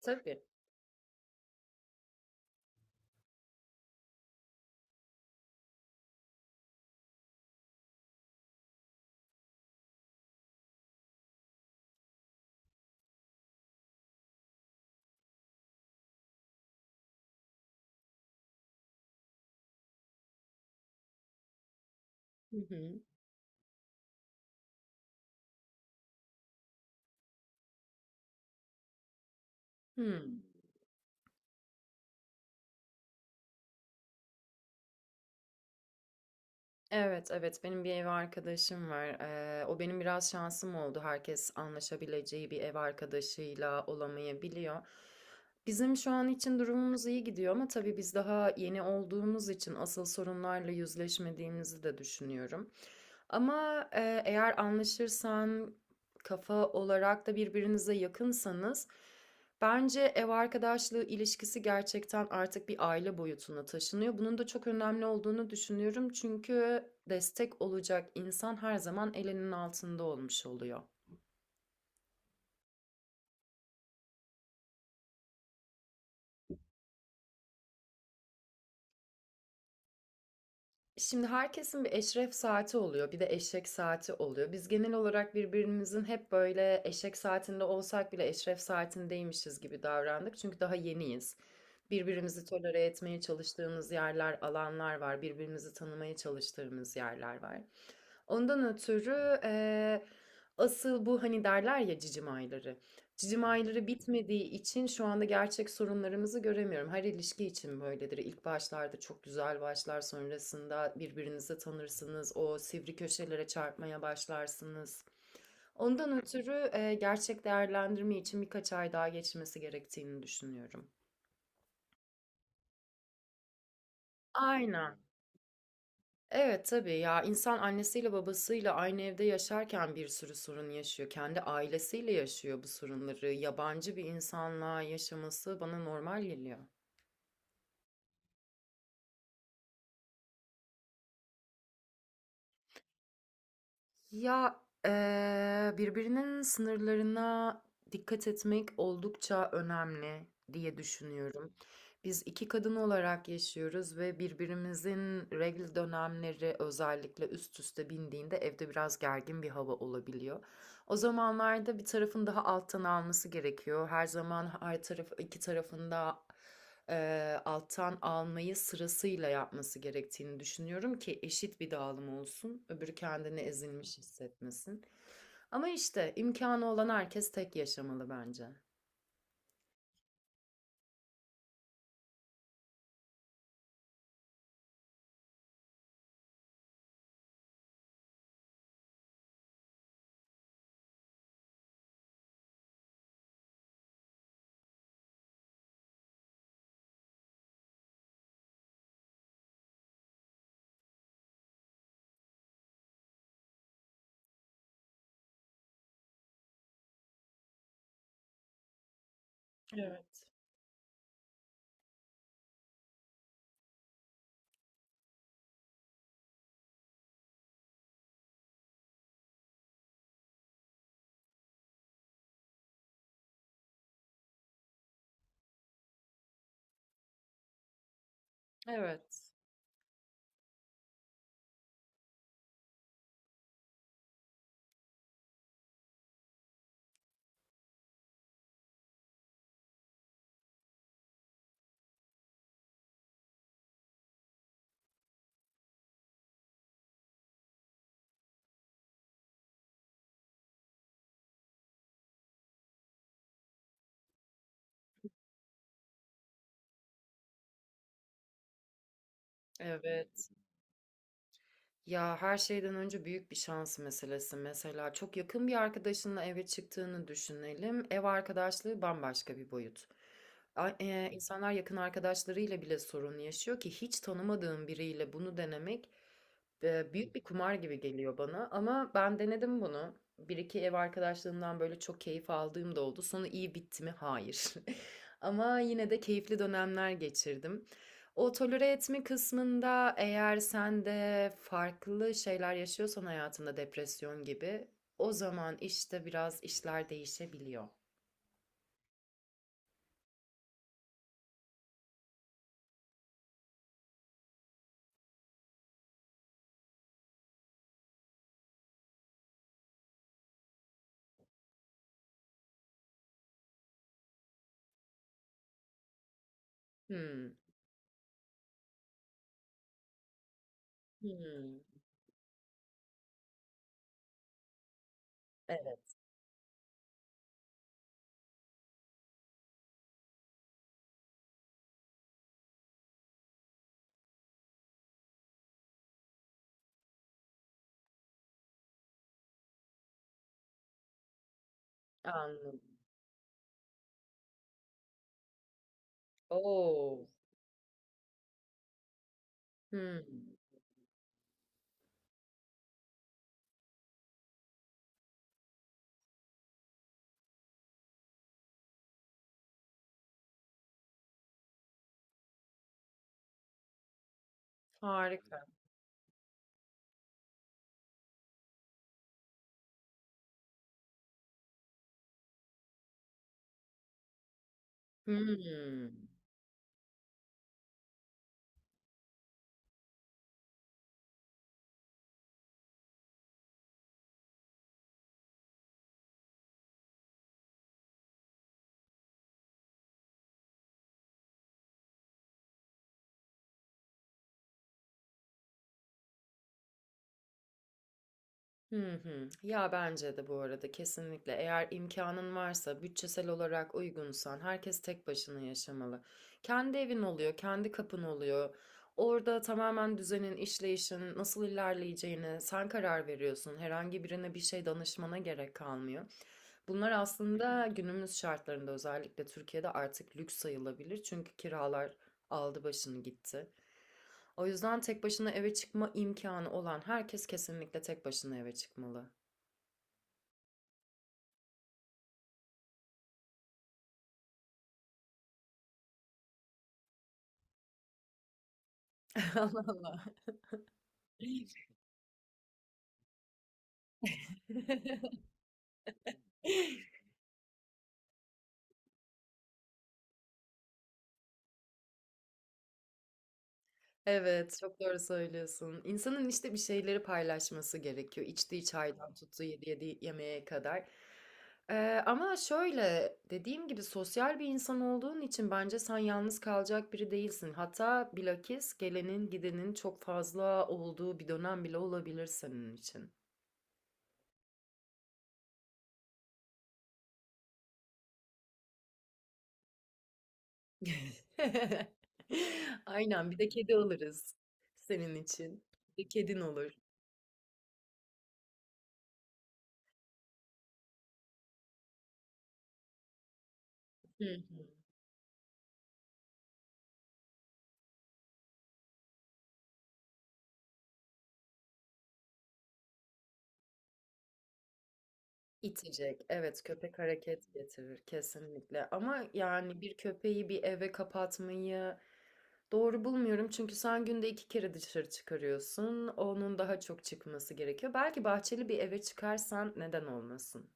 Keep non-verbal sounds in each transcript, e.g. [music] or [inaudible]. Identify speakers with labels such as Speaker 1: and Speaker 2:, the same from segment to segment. Speaker 1: Tabii. Hı hı. Hımm. Evet, evet, benim bir ev arkadaşım var. O benim biraz şansım oldu. Herkes anlaşabileceği bir ev arkadaşıyla olamayabiliyor. Bizim şu an için durumumuz iyi gidiyor ama tabii biz daha yeni olduğumuz için asıl sorunlarla yüzleşmediğimizi de düşünüyorum. Ama, eğer anlaşırsan, kafa olarak da birbirinize yakınsanız bence ev arkadaşlığı ilişkisi gerçekten artık bir aile boyutuna taşınıyor. Bunun da çok önemli olduğunu düşünüyorum. Çünkü destek olacak insan her zaman elinin altında olmuş oluyor. Şimdi herkesin bir eşref saati oluyor, bir de eşek saati oluyor. Biz genel olarak birbirimizin hep böyle eşek saatinde olsak bile eşref saatindeymişiz gibi davrandık. Çünkü daha yeniyiz. Birbirimizi tolere etmeye çalıştığımız yerler, alanlar var. Birbirimizi tanımaya çalıştığımız yerler var. Ondan ötürü, asıl bu hani derler ya cicim ayları. Cicim ayları bitmediği için şu anda gerçek sorunlarımızı göremiyorum. Her ilişki için böyledir. İlk başlarda çok güzel başlar, sonrasında birbirinizi tanırsınız, o sivri köşelere çarpmaya başlarsınız. Ondan ötürü, gerçek değerlendirme için birkaç ay daha geçmesi gerektiğini düşünüyorum. Aynen. Evet, tabii. Ya, insan annesiyle babasıyla aynı evde yaşarken bir sürü sorun yaşıyor. Kendi ailesiyle yaşıyor bu sorunları. Yabancı bir insanla yaşaması bana normal geliyor. Ya, birbirinin sınırlarına dikkat etmek oldukça önemli diye düşünüyorum. Biz iki kadın olarak yaşıyoruz ve birbirimizin regl dönemleri özellikle üst üste bindiğinde evde biraz gergin bir hava olabiliyor. O zamanlarda bir tarafın daha alttan alması gerekiyor. Her zaman her taraf iki tarafında alttan almayı sırasıyla yapması gerektiğini düşünüyorum ki eşit bir dağılım olsun. Öbürü kendini ezilmiş hissetmesin. Ama işte imkanı olan herkes tek yaşamalı bence. Evet. Evet. Evet. Ya her şeyden önce büyük bir şans meselesi. Mesela çok yakın bir arkadaşınla eve çıktığını düşünelim. Ev arkadaşlığı bambaşka bir boyut. İnsanlar yakın arkadaşlarıyla bile sorun yaşıyor ki hiç tanımadığım biriyle bunu denemek büyük bir kumar gibi geliyor bana. Ama ben denedim bunu. Bir iki ev arkadaşlığımdan böyle çok keyif aldığım da oldu. Sonu iyi bitti mi? Hayır. [laughs] Ama yine de keyifli dönemler geçirdim. O tolere etme kısmında eğer sen de farklı şeyler yaşıyorsan hayatında depresyon gibi, o zaman işte biraz işler değişebiliyor. Hımm. Hımm. Evet, anladım. O! Hımm. Harika. Hımm. Hı hı. Ya bence de bu arada kesinlikle eğer imkanın varsa, bütçesel olarak uygunsan herkes tek başına yaşamalı. Kendi evin oluyor, kendi kapın oluyor. Orada tamamen düzenin, işleyişin nasıl ilerleyeceğine sen karar veriyorsun. Herhangi birine bir şey danışmana gerek kalmıyor. Bunlar aslında günümüz şartlarında özellikle Türkiye'de artık lüks sayılabilir. Çünkü kiralar aldı başını gitti. O yüzden tek başına eve çıkma imkanı olan herkes kesinlikle tek başına eve çıkmalı. [laughs] Allah Allah. [laughs] Evet, çok doğru söylüyorsun. İnsanın işte bir şeyleri paylaşması gerekiyor. İçtiği çaydan tuttuğu yediği yemeğe kadar. Ama şöyle dediğim gibi sosyal bir insan olduğun için bence sen yalnız kalacak biri değilsin. Hatta bilakis gelenin gidenin çok fazla olduğu bir dönem bile olabilir senin için. [laughs] Aynen, bir de kedi alırız senin için. Bir kedin olur. Hı hı. İtecek. Evet, köpek hareket getirir kesinlikle ama yani bir köpeği bir eve kapatmayı doğru bulmuyorum. Çünkü sen günde 2 kere dışarı çıkarıyorsun. Onun daha çok çıkması gerekiyor. Belki bahçeli bir eve çıkarsan neden olmasın?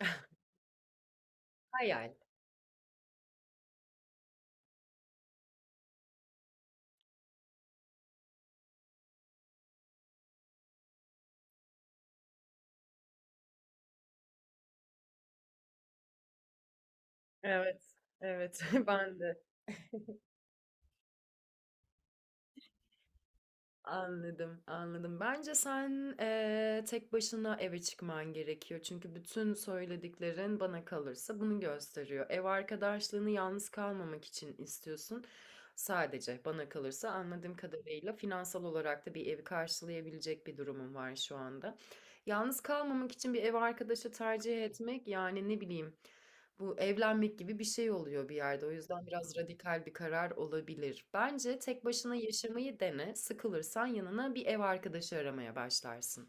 Speaker 1: [laughs] Hayal. Evet, evet. [laughs] Ben de. Anladım, anladım. Bence sen tek başına eve çıkman gerekiyor. Çünkü bütün söylediklerin bana kalırsa bunu gösteriyor. Ev arkadaşlığını yalnız kalmamak için istiyorsun. Sadece bana kalırsa anladığım kadarıyla finansal olarak da bir evi karşılayabilecek bir durumun var şu anda. Yalnız kalmamak için bir ev arkadaşı tercih etmek, yani ne bileyim, bu evlenmek gibi bir şey oluyor bir yerde. O yüzden biraz radikal bir karar olabilir. Bence tek başına yaşamayı dene. Sıkılırsan yanına bir ev arkadaşı aramaya başlarsın.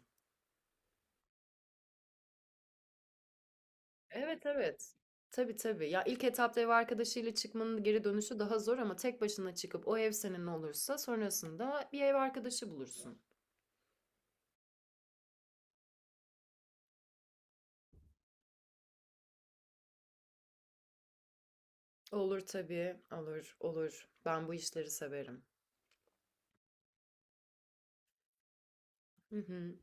Speaker 1: Evet, evet. Tabii, tabii. Ya ilk etapta ev arkadaşıyla çıkmanın geri dönüşü daha zor ama tek başına çıkıp o ev senin olursa sonrasında bir ev arkadaşı bulursun. Olur tabii. Olur, olur. Ben bu işleri severim. Hı hı.